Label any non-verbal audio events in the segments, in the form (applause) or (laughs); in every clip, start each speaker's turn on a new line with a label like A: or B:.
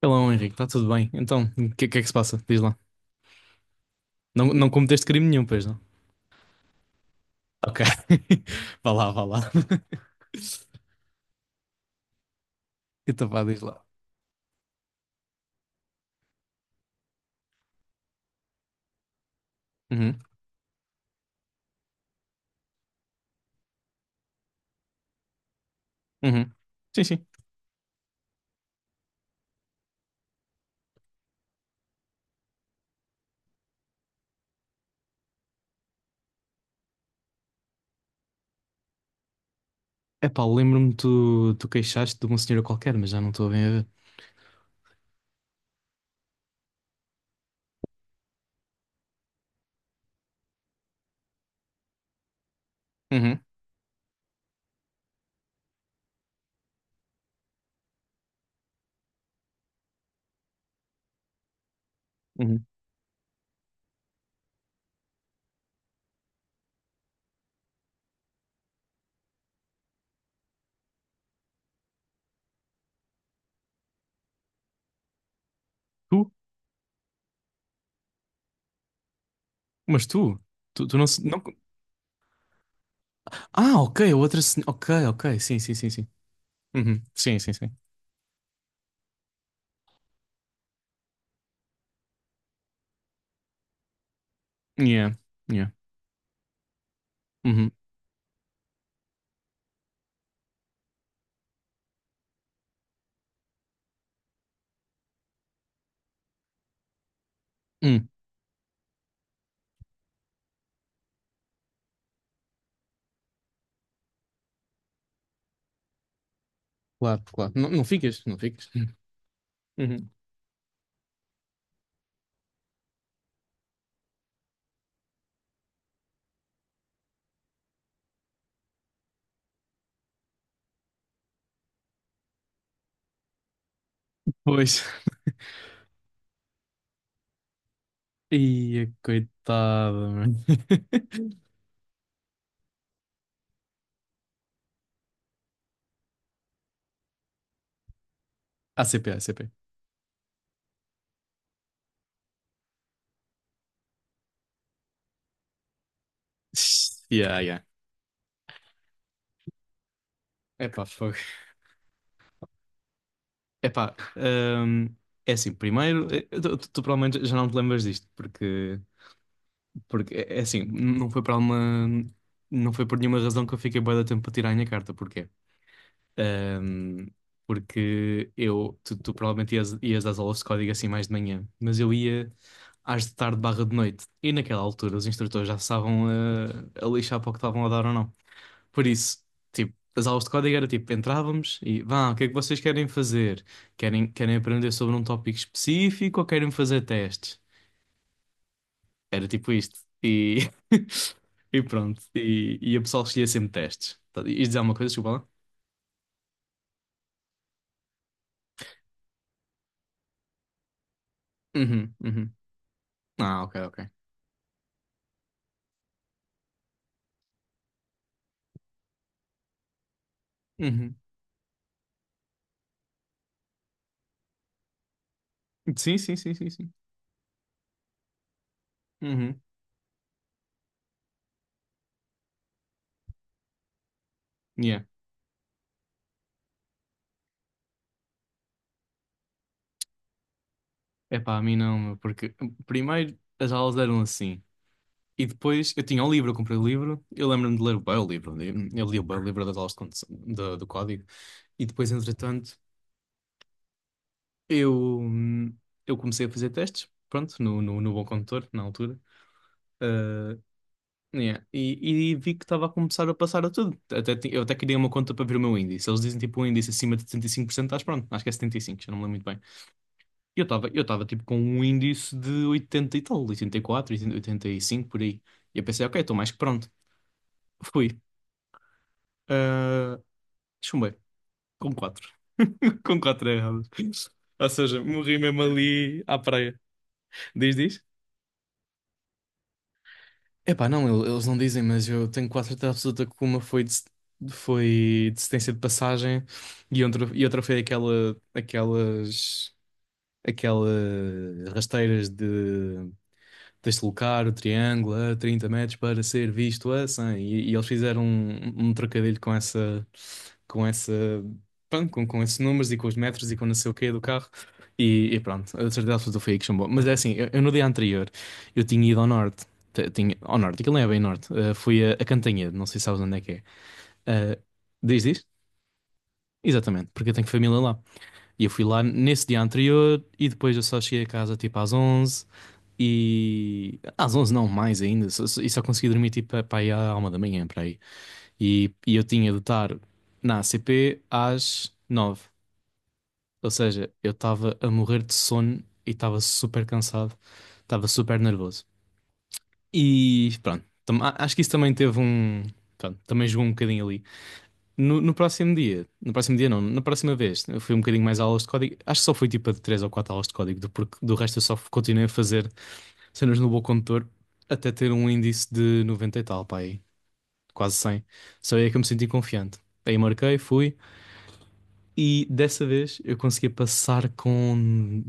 A: Hello, Henrique, está tudo bem? Então, o que, que é que se passa? Diz lá. Não, não cometeste crime nenhum, pois não? Ok. (laughs) Vá lá, vá lá. (laughs) Então vá, diz lá. Uhum, uhum. Sim, sim. Epá, lembro-me tu queixaste de uma senhora qualquer, mas já não estou bem a ver. Uhum, uhum. Tu? Mas tu? Tu não, não. Ah, ok, a outra senhora. Ok, ok, sim, sim, sim, sim. Uhum. Sim, sim, sim. Yeah, yeah. Uhum. Hum, Claro, claro. Não, não ficas, não ficas. Uhum. Pois. Ia, coitado, mano. (laughs) ACP, ACP. Yeah, yeah. Epá, fogo. Epá, é assim, primeiro, tu provavelmente já não te lembras disto, porque, porque é assim, não foi para uma, não foi por nenhuma razão que eu fiquei bué de tempo para tirar a minha carta, porquê? Hum, porque eu, tu provavelmente ias às aulas de código assim mais de manhã, mas eu ia às de tarde barra de noite, e naquela altura os instrutores já estavam a lixar para o que estavam a dar ou não. Por isso, tipo, as aulas de código era tipo, entrávamos e vá, o que é que vocês querem fazer? Querem aprender sobre um tópico específico ou querem fazer testes? Era tipo isto. (laughs) E pronto. E o pessoal escolhia sempre testes. Ias dizer alguma coisa, desculpa lá? Uhum, uhum. Ah, ok, ok. Uhum. Sim, sim, sim, sim, sim. Uhum. Yeah. Epá, a mim não, meu, porque primeiro as aulas eram assim. E depois eu tinha o livro, eu comprei o livro. Eu lembro-me de ler bem o livro. Eu li o bem o livro das aulas de do código. E depois, entretanto, eu, hum, eu comecei a fazer testes, pronto, no Bom Condutor, na altura. Ah, yeah. E vi que estava a começar a passar a tudo. Eu até criei uma conta para ver o meu índice. Eles dizem tipo um índice acima de 75%, estás pronto, acho que é 75%, já não me lembro muito bem. E eu estava tipo com um índice de 80 e tal, 84, 80, 85, por aí. E eu pensei, ok, estou mais que pronto. Fui. Ah, chumbei, com 4 (laughs) com 4 errados. Ou seja, morri mesmo ali à praia. Diz, diz? Epá, não, eles não dizem, mas eu tenho quase certeza absoluta que uma foi de, foi assistência de passagem e outra foi aquela, aquelas rasteiras de deslocar o triângulo a 30 metros para ser visto a 100. E eles fizeram um trocadilho com essa com essa, pronto, com esses números e com os metros e com não sei o quê do carro. E pronto, a certeza absoluta foi aí que chumbou. Mas é assim, eu no dia anterior, eu tinha ido ao norte. Tinha, ao norte, aquilo não é bem norte. Fui a, Cantanhede, não sei se sabes onde é que é. Eh, diz, diz? Exatamente, porque eu tenho família lá. E eu fui lá nesse dia anterior e depois eu só cheguei a casa tipo às 11 Às 11 não, mais ainda. Só consegui dormir tipo para aí à uma da manhã, para aí. E eu tinha de estar na ACP às 9. Ou seja, eu estava a morrer de sono e estava super cansado, estava super nervoso. E pronto, acho que isso também teve um. Pronto, também jogou um bocadinho ali. No próximo dia, no próximo dia não, na próxima vez, eu fui um bocadinho mais a aulas de código. Acho que só fui tipo a de 3 ou 4 aulas de código, porque do resto eu só continuei a fazer cenas no Bom Condutor até ter um índice de 90 e tal, pá, aí, quase 100. Só aí é que eu me senti confiante. Aí marquei, fui. E dessa vez eu consegui passar com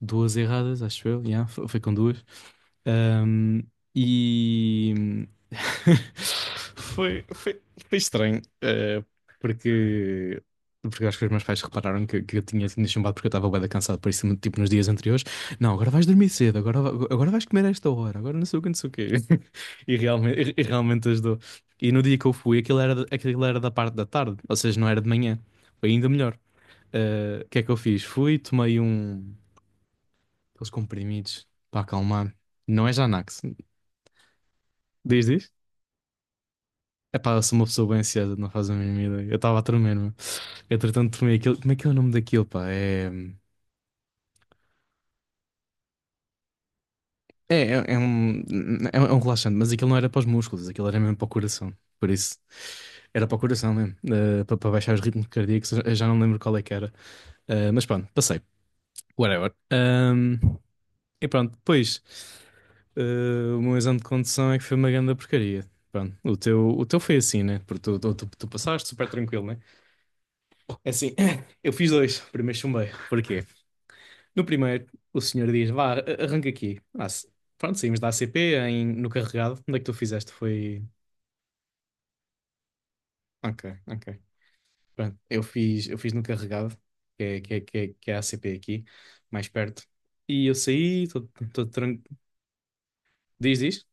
A: duas erradas, acho eu. Yeah, foi com duas. Ahm, e (laughs) foi, foi, foi estranho, porque, porque acho que os meus pais repararam que eu tinha sido chumbado porque eu estava bué da cansado, por isso, tipo, nos dias anteriores, não, agora vais dormir cedo, agora, agora vais comer a esta hora, agora não sei o que, não sei o quê. (laughs) E realmente ajudou. E no dia que eu fui, aquilo era, da parte da tarde, ou seja, não era de manhã, foi ainda melhor. O que é que eu fiz? Fui, tomei aqueles comprimidos para acalmar. Não é Xanax. Diz, diz? É pá, eu sou uma pessoa bem ansiosa, não faz a mínima ideia. Eu estava a tremer-me. Entretanto, tomei aquilo. Como é que é o nome daquilo, pá? É. É, é, é um, é um relaxante, mas aquilo não era para os músculos, aquilo era mesmo para o coração. Por isso, era para o coração mesmo, para baixar os ritmos cardíacos. Eu já não lembro qual é que era. Mas pronto, passei. Whatever. E pronto, depois, eh, o meu exame de condução é que foi uma grande porcaria. Pronto, o teu foi assim, né? Porque tu passaste super tranquilo, né? É assim, (coughs) (clears throat) eu fiz dois, o primeiro chumbei. Porquê? No primeiro, o senhor diz, vá, arranca aqui. Ah, pronto, saímos da ACP no Carregado. Onde é que tu fizeste? Ok, ok. Pronto, eu fiz no Carregado, que é a ACP aqui, mais perto. E eu saí, todo. Diz, diz?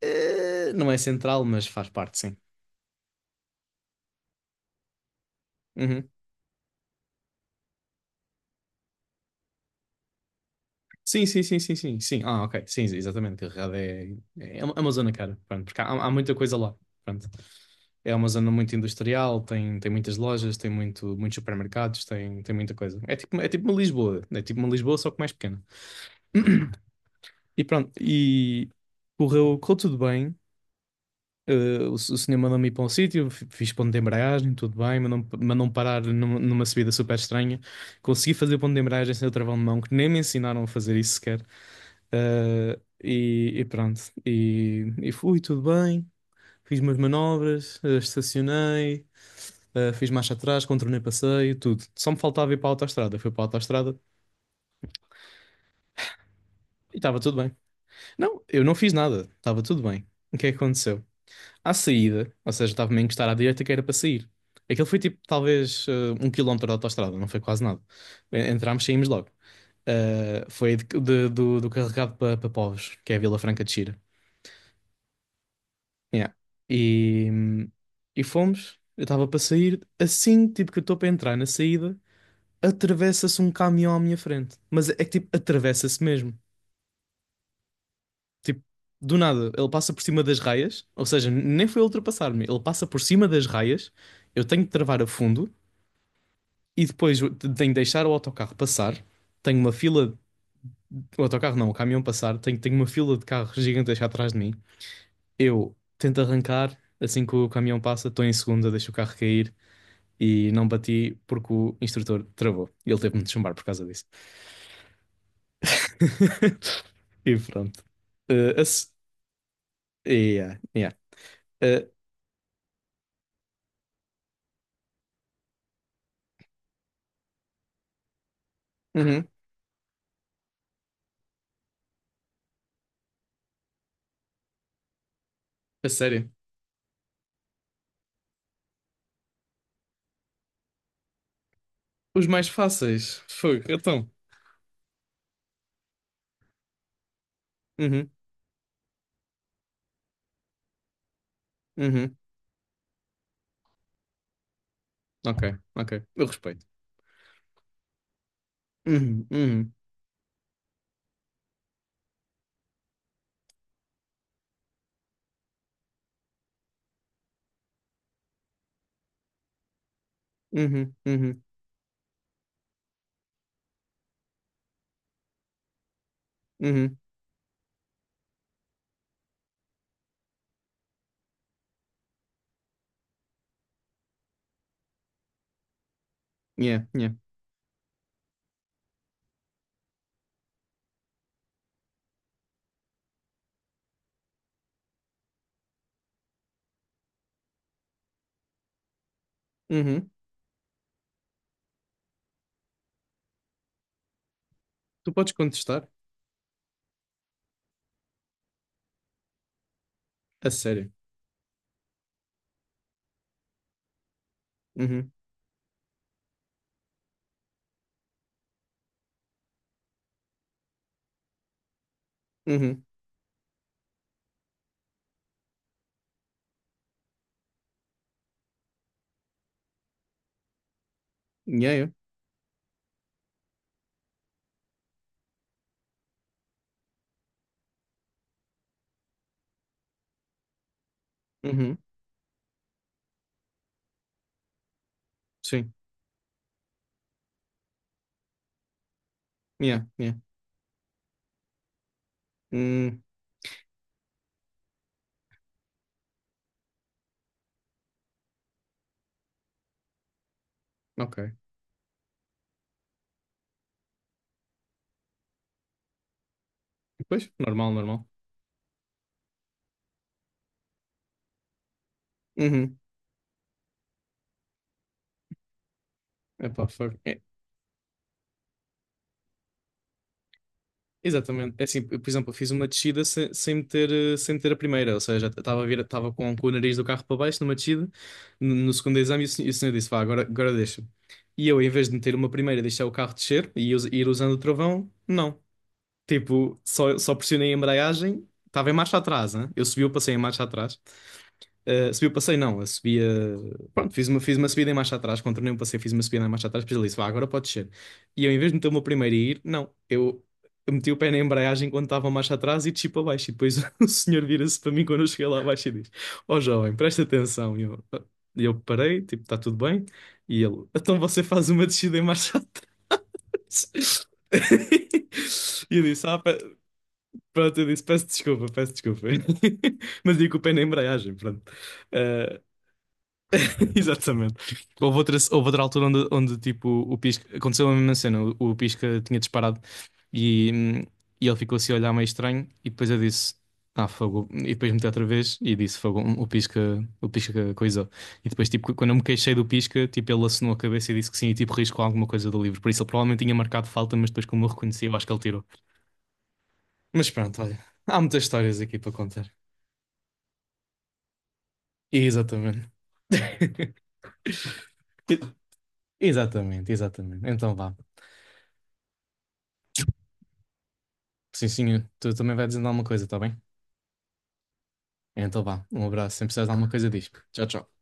A: Não é central, mas faz parte, sim. Uhum. Sim, sim, sim, sim, sim, sim. Ah, ok. Sim, exatamente. Carregado é, é, é, uma é uma zona cara. Pronto, porque há muita coisa lá. Pronto. É uma zona muito industrial, tem muitas lojas, tem muitos supermercados, tem muita coisa. É tipo uma Lisboa, é tipo uma Lisboa, só que mais pequena. (clears throat) E pronto, e correu tudo bem. O senhor mandou-me ir para um sítio, fiz ponto de embreagem, tudo bem, mandou-me mandou parar numa subida super estranha. Consegui fazer ponto de embreagem sem o travão de mão, que nem me ensinaram a fazer isso sequer. Ah, e pronto. E fui, tudo bem. Fiz umas manobras, estacionei, fiz marcha atrás, contornei passeio, tudo. Só me faltava ir para a autoestrada. Fui para a autoestrada e estava tudo bem. Não, eu não fiz nada. Estava tudo bem. O que é que aconteceu? À saída, ou seja, estava-me a encostar à direita que era para sair. Aquilo foi tipo talvez um quilómetro da autoestrada, não foi quase nada. Entramos, saímos logo. Ah, foi do Carregado para Povos, que é a Vila Franca de Xira. Yeah. E, e fomos. Eu estava para sair. Assim, tipo, que eu estou para entrar na saída, atravessa-se um caminhão à minha frente. Mas é que, tipo, atravessa-se mesmo. Tipo, do nada, ele passa por cima das raias. Ou seja, nem foi ultrapassar-me. Ele passa por cima das raias. Eu tenho que travar a fundo. E depois eu tenho que deixar o autocarro passar. Tenho uma fila. O autocarro não, o caminhão passar. Tenho uma fila de carros gigantesca atrás de mim. Eu tento arrancar. Assim que o caminhão passa, estou em segunda, deixo o carro cair. E não bati porque o instrutor travou. E ele teve-me de chumbar por causa disso. (laughs) E pronto. Eh, a s- yeah, yeah. Eh, uhum. A sério. Os mais fáceis. Fogo, então. Uhum, uhum. Ok, ok. Eu respeito. Uhum, uhum, uhum, uhum, uhum, yeah, yeah, uhum. Tu podes contestar? A sério. Uhum, uhum, yeah, yeah, uhum, sim, yeah, yeah, uhum. Ok. Depois? Normal, normal. Uhum. Epá, fogo. Exatamente. É assim, eu, por exemplo, eu fiz uma descida sem meter a primeira, ou seja, estava a vir, estava com o nariz do carro para baixo numa descida, no segundo exame, e o senhor disse, vá, agora deixa. E eu, em vez de meter uma primeira, deixar o carro descer e ir usando o travão, não. Tipo, só pressionei a embreagem, estava em marcha atrás, hein? Eu subi, eu passei em marcha atrás. Subi o passeio, não, eu subia. Pronto, fiz uma subida em marcha atrás, contornei um passeio, fiz uma subida em marcha atrás, depois ele disse, vá, agora pode descer. E eu, em vez de meter o meu primeiro a ir, não, eu meti o pé na embreagem quando estava a marcha atrás e desci para baixo. E depois (laughs) o senhor vira-se para mim quando eu cheguei lá abaixo e diz: Ó jovem, presta atenção. E eu, "Ah." E eu parei, tipo, está tudo bem. E ele, então você faz uma descida em marcha atrás. (laughs) E eu disse, pronto, eu disse, peço desculpa, peço desculpa. (laughs) Mas digo o pé na embreagem, pronto. Eh, (laughs) Exatamente. Houve outra altura onde tipo, o Pisca. Aconteceu a mesma cena. O Pisca tinha disparado e, hum, e ele ficou assim a olhar meio estranho. E depois eu disse: Ah, fogo. E depois meti outra vez e disse: Fogo, o Pisca coisou. E depois, tipo, quando eu me queixei do Pisca, tipo, ele assinou a cabeça e disse que sim. E tipo, riscou alguma coisa do livro. Por isso, ele provavelmente tinha marcado falta, mas depois, como eu reconheci, eu acho que ele tirou. Mas pronto, olha. Há muitas histórias aqui para contar. Exatamente. (laughs) Exatamente, exatamente. Então vá. Sim, sim, tu também vai dizendo alguma coisa, tá bem? Então vá, um abraço. Sempre precisas de alguma coisa, diz. Tchau, tchau.